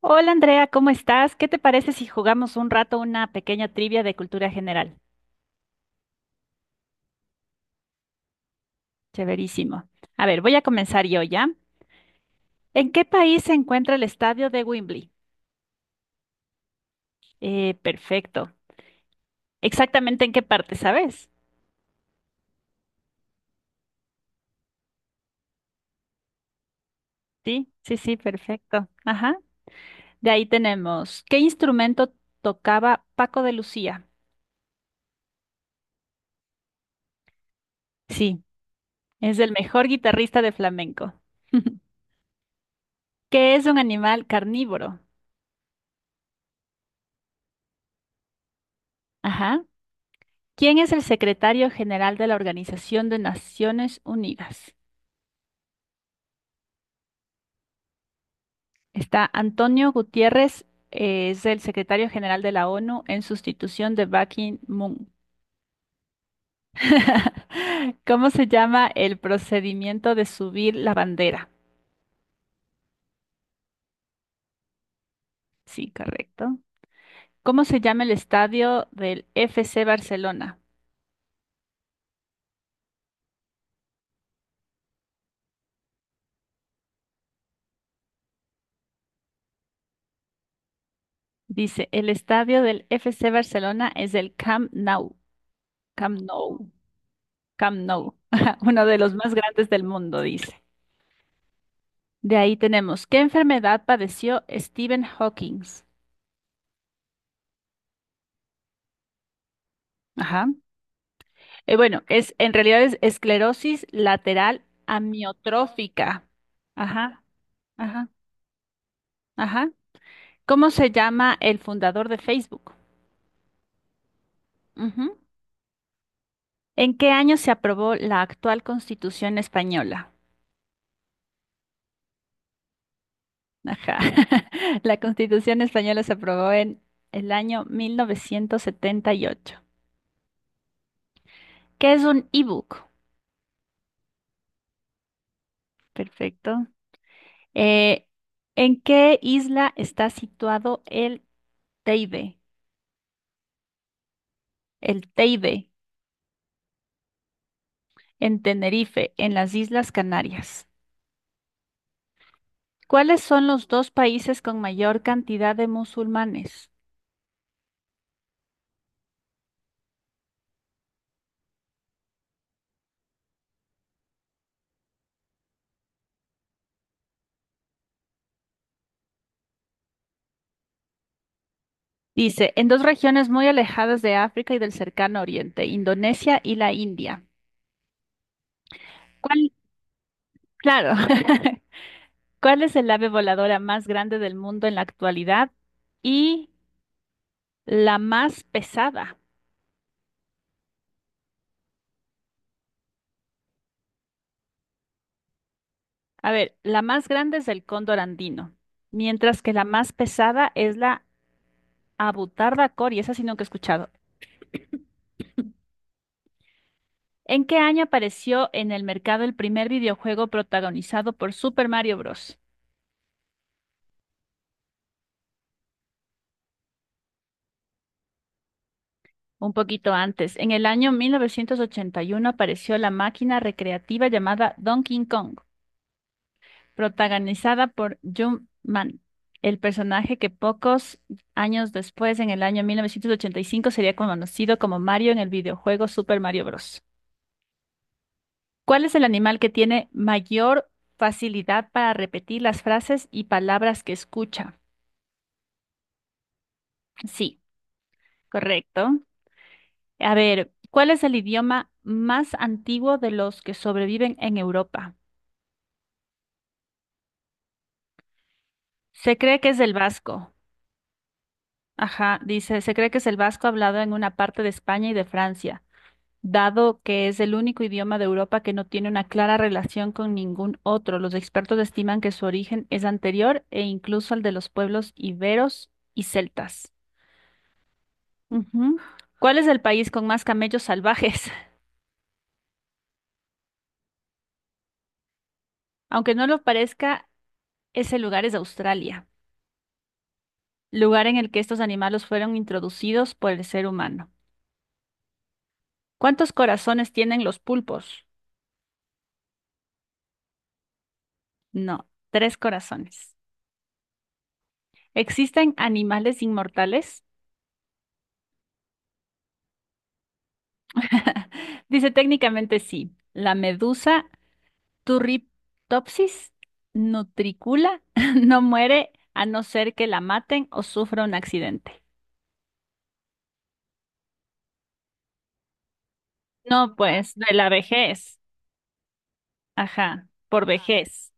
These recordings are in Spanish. Hola Andrea, ¿cómo estás? ¿Qué te parece si jugamos un rato una pequeña trivia de cultura general? Chéverísimo. A ver, voy a comenzar yo ya. ¿En qué país se encuentra el estadio de Wembley? Perfecto. ¿Exactamente en qué parte, sabes? Sí, sí, sí, perfecto. Ajá. De ahí tenemos, ¿qué instrumento tocaba Paco de Lucía? Sí, es el mejor guitarrista de flamenco. ¿Qué es un animal carnívoro? Ajá. ¿Quién es el secretario general de la Organización de Naciones Unidas? Está Antonio Gutiérrez, es el secretario general de la ONU en sustitución de Ban Ki-moon. ¿Cómo se llama el procedimiento de subir la bandera? Sí, correcto. ¿Cómo se llama el estadio del FC Barcelona? Dice, el estadio del FC Barcelona es el Camp Nou, Camp Nou, Camp Nou, uno de los más grandes del mundo, dice. De ahí tenemos, ¿qué enfermedad padeció Stephen Hawking? Ajá. Bueno, es en realidad es esclerosis lateral amiotrófica. Ajá, ajá, ajá. ¿Cómo se llama el fundador de Facebook? Ujú. ¿En qué año se aprobó la actual Constitución española? Ajá. La Constitución española se aprobó en el año 1978. ¿Qué es un ebook? Perfecto. Eh, ¿En qué isla está situado el Teide? El Teide, en Tenerife, en las Islas Canarias. ¿Cuáles son los dos países con mayor cantidad de musulmanes? Dice, en dos regiones muy alejadas de África y del cercano Oriente, Indonesia y la India. ¿Cuál? Claro. ¿Cuál es el ave voladora más grande del mundo en la actualidad y la más pesada? A ver, la más grande es el cóndor andino, mientras que la más pesada es la abutarda cori, esa sí nunca he escuchado. ¿En qué año apareció en el mercado el primer videojuego protagonizado por Super Mario Bros? Un poquito antes, en el año 1981 apareció la máquina recreativa llamada Donkey Kong, protagonizada por Jim Man, el personaje que pocos años después, en el año 1985, sería conocido como Mario en el videojuego Super Mario Bros. ¿Cuál es el animal que tiene mayor facilidad para repetir las frases y palabras que escucha? Sí, correcto. A ver, ¿cuál es el idioma más antiguo de los que sobreviven en Europa? Se cree que es el vasco. Ajá, dice, se cree que es el vasco hablado en una parte de España y de Francia, dado que es el único idioma de Europa que no tiene una clara relación con ningún otro. Los expertos estiman que su origen es anterior e incluso al de los pueblos iberos y celtas. Ujú. ¿Cuál es el país con más camellos salvajes? Aunque no lo parezca, ese lugar es Australia, lugar en el que estos animales fueron introducidos por el ser humano. ¿Cuántos corazones tienen los pulpos? No, tres corazones. ¿Existen animales inmortales? Dice técnicamente sí. La medusa Turritopsis nutricula no muere a no ser que la maten o sufra un accidente. No, pues, de la vejez. Ajá, por vejez.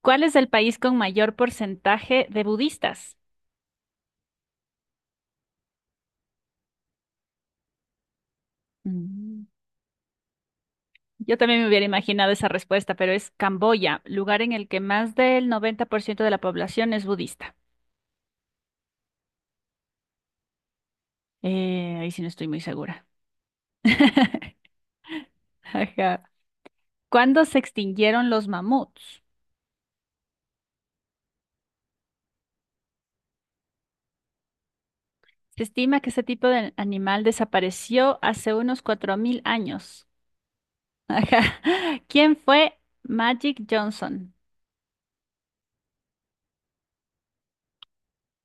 ¿Cuál es el país con mayor porcentaje de budistas? Mm. Yo también me hubiera imaginado esa respuesta, pero es Camboya, lugar en el que más del 90% de la población es budista. Ahí sí no estoy muy segura. Ajá. ¿Cuándo se extinguieron los mamuts? Se estima que ese tipo de animal desapareció hace unos 4.000 años. Ajá. ¿Quién fue Magic Johnson?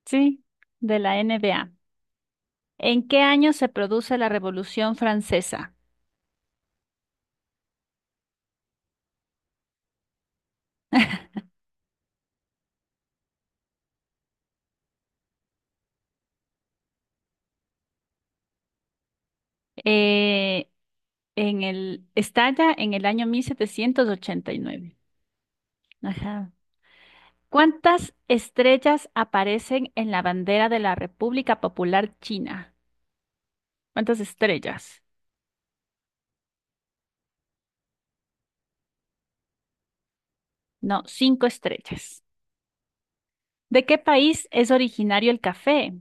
Sí, de la NBA. ¿En qué año se produce la Revolución Francesa? Eh, Estalla en el año 1789. Ajá. ¿Cuántas estrellas aparecen en la bandera de la República Popular China? ¿Cuántas estrellas? No, cinco estrellas. ¿De qué país es originario el café?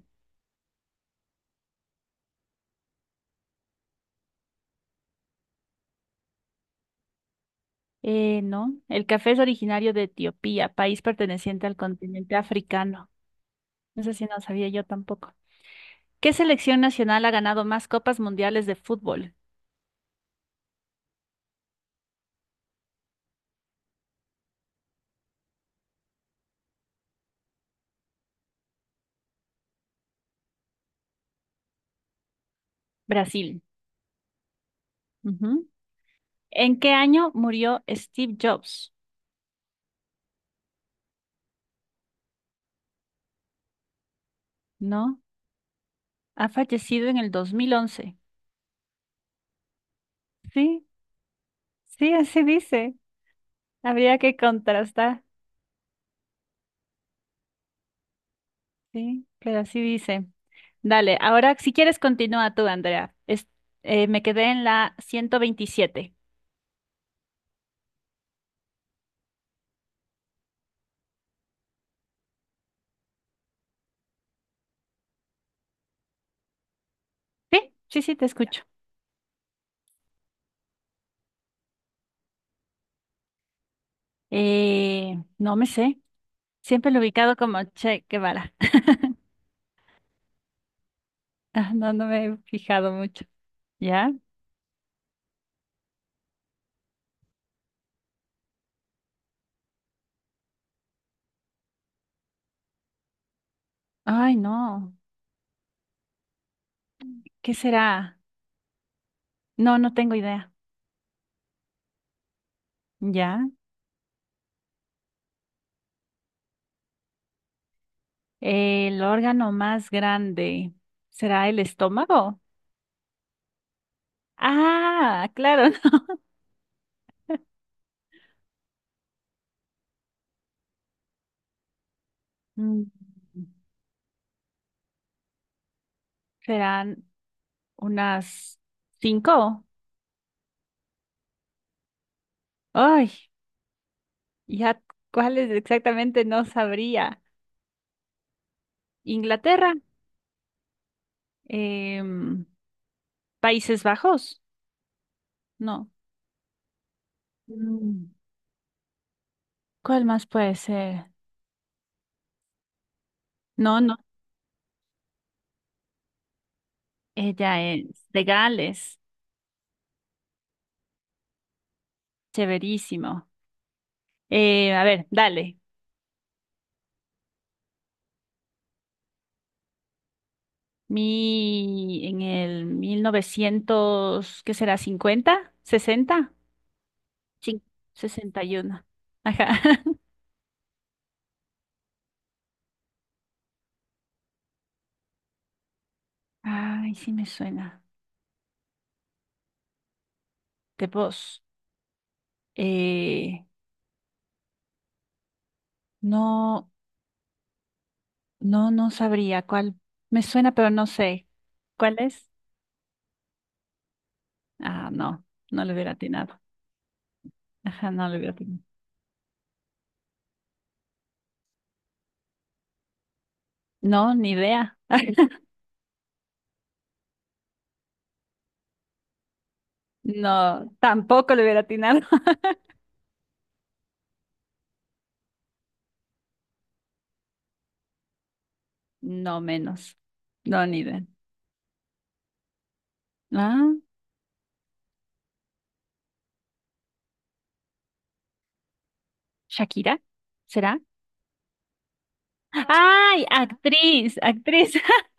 No, el café es originario de Etiopía, país perteneciente al continente africano. No sé si no sabía yo tampoco. ¿Qué selección nacional ha ganado más copas mundiales de fútbol? Brasil. Ujú. ¿En qué año murió Steve Jobs? No, ha fallecido en el 2011. Sí, sí, así dice. Habría que contrastar. Sí, pero así dice. Dale, ahora si quieres continúa tú, Andrea. Me quedé en la 127. Sí, sí, sí, te escucho. No me sé. Siempre lo he ubicado como Che Guevara. Ah, no, no me he fijado mucho. ¿Ya? Ay, no. ¿Qué será? No, no tengo idea. ¿Ya? El órgano más grande. ¿Será el estómago? Ah, claro. Mm, ¿serán unas cinco? Ay, ya cuáles exactamente no sabría. Inglaterra, Em, Países Bajos, no. Mm, ¿cuál más puede ser? No, no, ella es de Gales, severísimo. A ver, dale. Mi, en el 1900 ¿qué será? Cincuenta, 60, sí, 61. Ajá. Ay, sí me suena. De voz. Eh, no, no, no sabría cuál. Me suena, pero no sé. ¿Cuál es? Ah, no, no le hubiera atinado. Ajá, no le hubiera atinado. No, ni idea. No, tampoco le hubiera atinado. No menos. No, ni idea. Ah. ¿Shakira? ¿Será? ¡Ay! Actriz, actriz.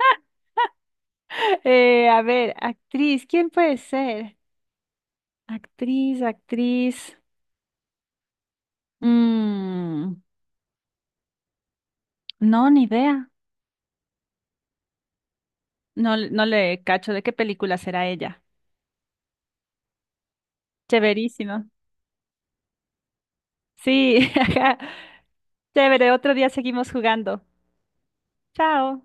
A ver, actriz, ¿quién puede ser? Actriz, actriz. Mm, no, ni idea. No, no le cacho de qué película será ella. Chéverísimo. Sí, ajá. Chévere, otro día seguimos jugando. Chao.